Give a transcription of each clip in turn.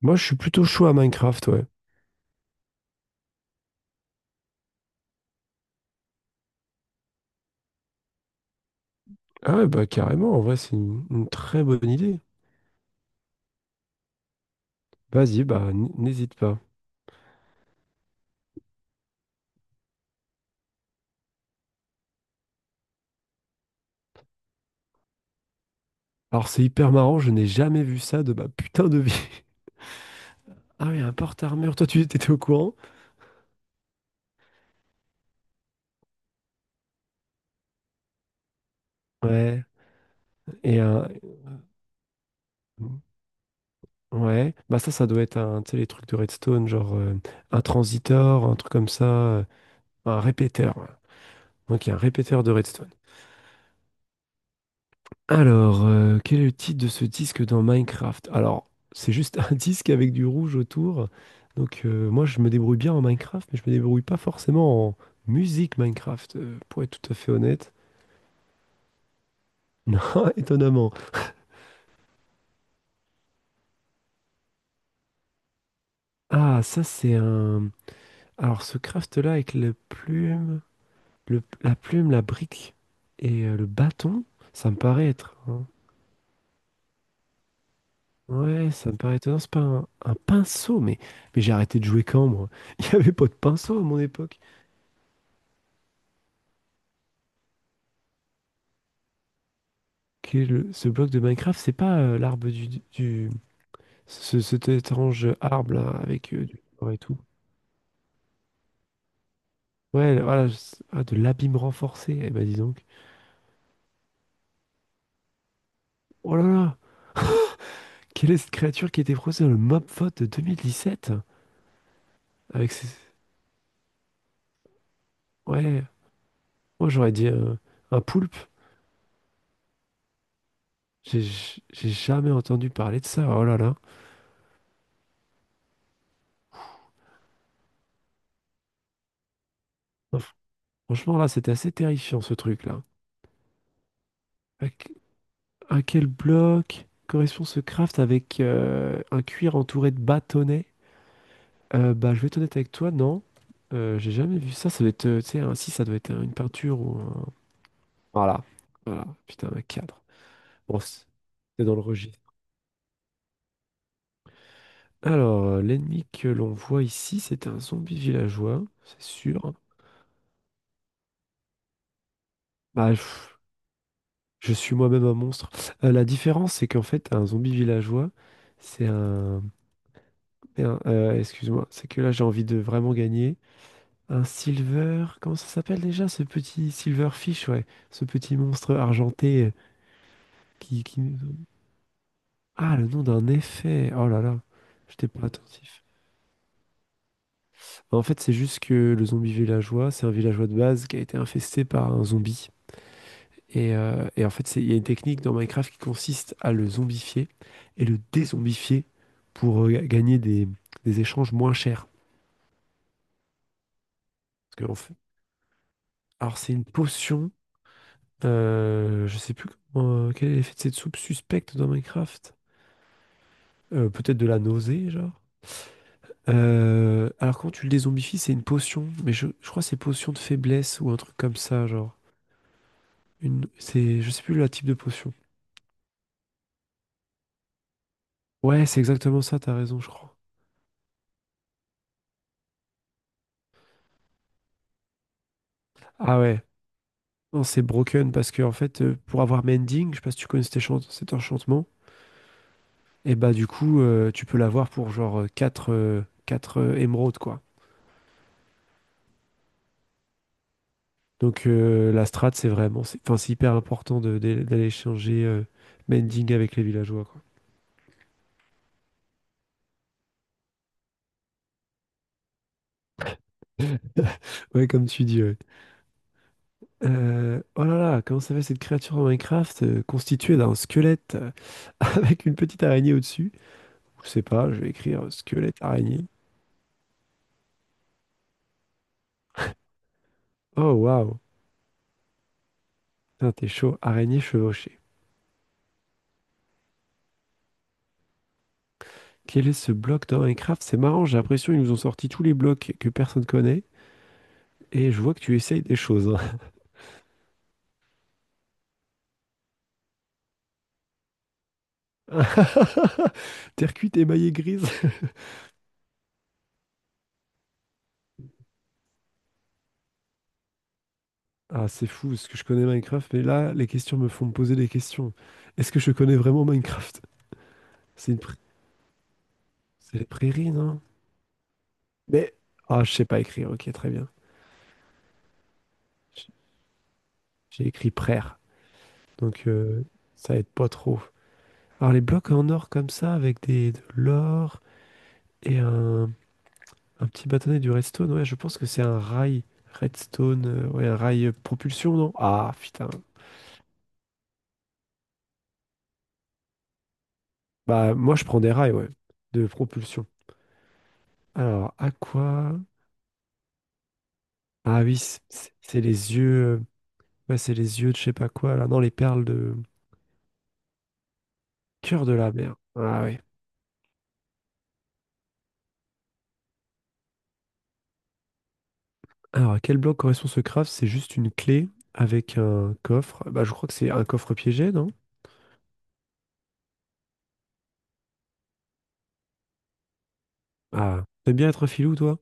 Moi, je suis plutôt chaud à Minecraft, ouais. Ah ouais, bah carrément, en vrai, c'est une très bonne idée. Vas-y, bah n'hésite pas. Alors, c'est hyper marrant, je n'ai jamais vu ça de ma putain de vie. Ah oui, un porte-armure, toi, tu étais au courant? Ouais. Et un... Ouais. Bah ça, ça doit être un, tu sais, les trucs de Redstone, genre un transitor, un truc comme ça, un répéteur, ouais. Donc, il y a un répéteur de Redstone. Alors, quel est le titre de ce disque dans Minecraft? Alors, c'est juste un disque avec du rouge autour. Donc, moi, je me débrouille bien en Minecraft, mais je me débrouille pas forcément en musique Minecraft, pour être tout à fait honnête. Non, étonnamment. Ah, ça, c'est un... Alors, ce craft-là avec la plume, la plume, la brique et le bâton, ça me paraît être... Ouais, ça me paraît étonnant. C'est pas un pinceau, mais j'ai arrêté de jouer quand, moi? Il n'y avait pas de pinceau à mon époque. Quel ce bloc de Minecraft, c'est pas l'arbre du cet étrange arbre là avec du corps et tout. Ouais, voilà, ah, de l'abîme renforcé. Eh ben dis donc. Oh là là, quelle est cette créature qui était proposée dans le mob vote de 2017? Avec ses... ouais, moi j'aurais dit un poulpe. J'ai jamais entendu parler de ça. Oh là là. Non, franchement là, c'était assez terrifiant ce truc là. À, que- à quel bloc correspond ce craft avec un cuir entouré de bâtonnets? Bah, je vais être honnête avec toi, non. J'ai jamais vu ça. Ça doit être, tu sais, si ça doit être une peinture ou un. Voilà. Voilà. Putain, un cadre. Bon, c'est dans le registre. Alors, l'ennemi que l'on voit ici, c'est un zombie villageois, c'est sûr. Bah, je suis moi-même un monstre. La différence, c'est qu'en fait, un zombie villageois, c'est un. Excuse-moi, c'est que là, j'ai envie de vraiment gagner. Un silver. Comment ça s'appelle déjà, ce petit silverfish, ouais. Ce petit monstre argenté. Qui... Ah, le nom d'un effet. Oh là là, j'étais pas attentif. Bah, en fait, c'est juste que le zombie villageois, c'est un villageois de base qui a été infesté par un zombie. Et en fait, il y a une technique dans Minecraft qui consiste à le zombifier et le dézombifier pour gagner des échanges moins chers. Parce que, en fait- Alors, c'est une potion. Je sais plus comment, quel est l'effet de cette soupe suspecte dans Minecraft. Peut-être de la nausée, genre. Alors quand tu le dézombifie, c'est une potion, mais je crois que c'est potion de faiblesse ou un truc comme ça, genre. C'est, je sais plus le type de potion. Ouais, c'est exactement ça, t'as raison, je crois. Ah ouais, non, c'est broken parce que en fait, pour avoir mending, je sais pas si tu connais cet enchantement, et bah du coup, tu peux l'avoir pour genre quatre émeraudes, quoi. Donc la strat, c'est vraiment, enfin, c'est hyper important d'aller échanger mending avec les villageois, quoi. Ouais, comme tu dis, ouais. Oh là là, comment s'appelle cette créature en Minecraft constituée d'un squelette avec une petite araignée au-dessus? Je sais pas, je vais écrire squelette araignée. Oh waouh, putain, t'es chaud, araignée chevauchée. Quel est ce bloc dans Minecraft? C'est marrant, j'ai l'impression qu'ils nous ont sorti tous les blocs que personne connaît et je vois que tu essayes des choses, hein. Terre cuite émaillée grise. Ah, c'est fou, parce que je connais Minecraft, mais là, les questions me font me poser des questions. Est-ce que je connais vraiment Minecraft? C'est une pr- c'est les prairies, non? Mais, ah, je sais pas écrire, ok, très bien. J- J'ai écrit prère, donc ça aide pas trop. Alors, les blocs en or comme ça, avec de l'or et un petit bâtonnet du redstone, ouais, je pense que c'est un rail redstone, ouais, un rail propulsion, non? Ah, putain. Bah, moi, je prends des rails, ouais, de propulsion. Alors, à quoi? Ah oui, c'est les yeux, ouais, c'est les yeux de je sais pas quoi, là, non, les perles de cœur de la mer. Ah oui. Alors, à quel bloc correspond ce craft? C'est juste une clé avec un coffre. Bah, je crois que c'est un coffre piégé, non? Ah, t'aimes bien être un filou, toi?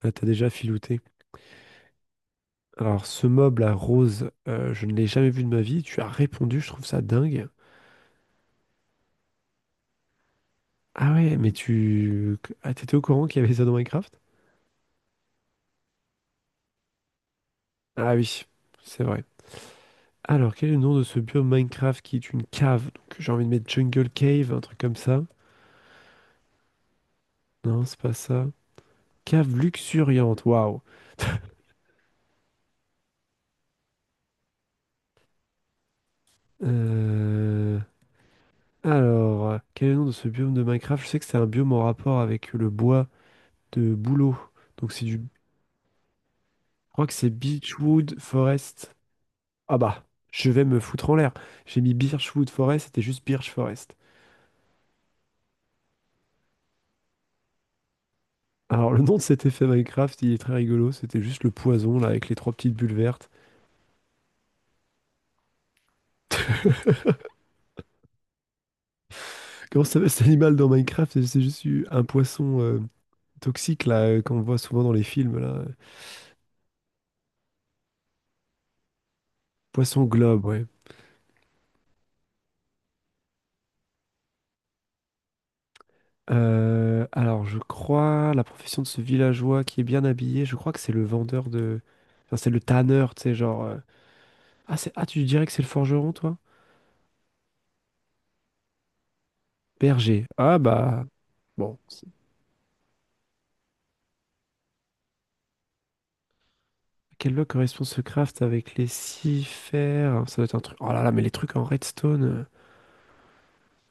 Ah, t'as déjà filouté. Alors, ce meuble à rose, je ne l'ai jamais vu de ma vie. Tu as répondu, je trouve ça dingue. Ah ouais, mais tu... Ah, t'étais au courant qu'il y avait ça dans Minecraft? Ah oui, c'est vrai. Alors, quel est le nom de ce biome Minecraft qui est une cave? Donc, j'ai envie de mettre Jungle Cave, un truc comme ça. Non, c'est pas ça. Cave luxuriante, waouh. Euh, alors, quel est le nom de ce biome de Minecraft? Je sais que c'est un biome en rapport avec le bois de bouleau. Donc c'est du... Je crois que c'est birchwood Forest. Ah bah, je vais me foutre en l'air. J'ai mis Birchwood Forest, c'était juste Birch Forest. Alors le nom de cet effet Minecraft, il est très rigolo. C'était juste le poison, là, avec les trois petites bulles vertes. Comment ça s'appelle cet animal dans Minecraft? C'est juste un poisson toxique, là, qu'on voit souvent dans les films, là. Poisson globe, ouais. Alors, je crois la profession de ce villageois qui est bien habillé, je crois que c'est le vendeur de... Enfin, c'est le tanneur, tu sais, genre... Ah, c'est... ah, tu dirais que c'est le forgeron, toi? Berger. Ah, bah... Bon, à quel lot correspond ce craft avec les six fers? Ça doit être un truc... Oh là là, mais les trucs en redstone...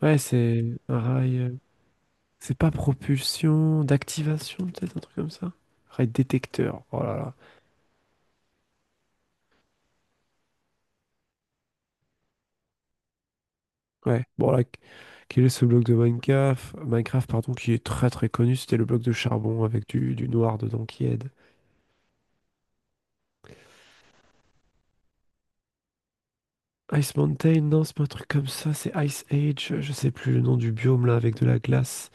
Ouais, c'est un rail... c'est pas propulsion, d'activation, peut-être, un truc comme ça? Rail détecteur. Oh là là. Ouais. Bon, là, quel est ce bloc de Minecraft, Minecraft, pardon, qui est très très connu, c'était le bloc de charbon avec du noir dedans qui aide. Ice Mountain, non, c'est pas un truc comme ça, c'est Ice Age, je sais plus le nom du biome là avec de la glace.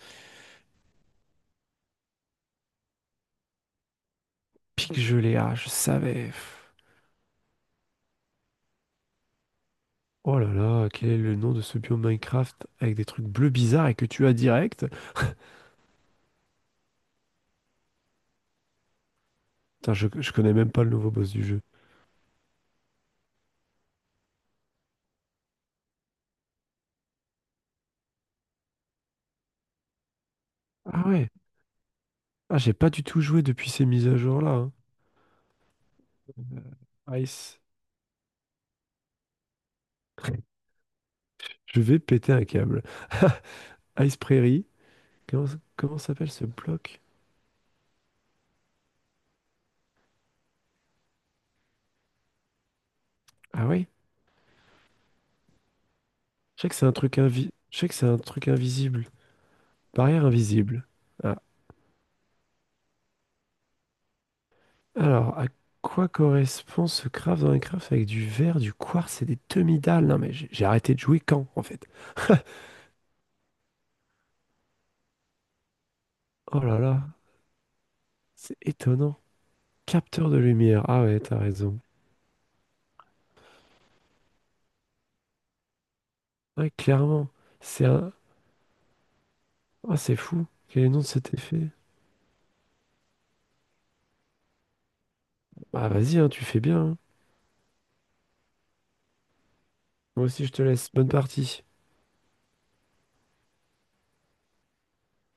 Pic gelé, ah, je savais, pff. Oh là là, quel est le nom de ce biome Minecraft avec des trucs bleus bizarres et que tu as direct? Putain, je connais même pas le nouveau boss du jeu. Ah ouais, ah, j'ai pas du tout joué depuis ces mises à jour là, hein. Ice. Je vais péter un câble. Ice Prairie. Comment s'appelle ce bloc? Ah ouais? Je sais que c'est un truc invisible. Barrière invisible. Ah. Alors, à quoi correspond ce craft dans les crafts avec du verre, du quartz et des demi-dalles? Non mais j'ai arrêté de jouer quand, en fait? Oh là là, c'est étonnant. Capteur de lumière. Ah ouais, t'as raison. Ouais, clairement. C'est un... Ah, c'est fou. Quel est le nom de cet effet? Bah vas-y, hein, tu fais bien, hein. Moi aussi, je te laisse. Bonne partie.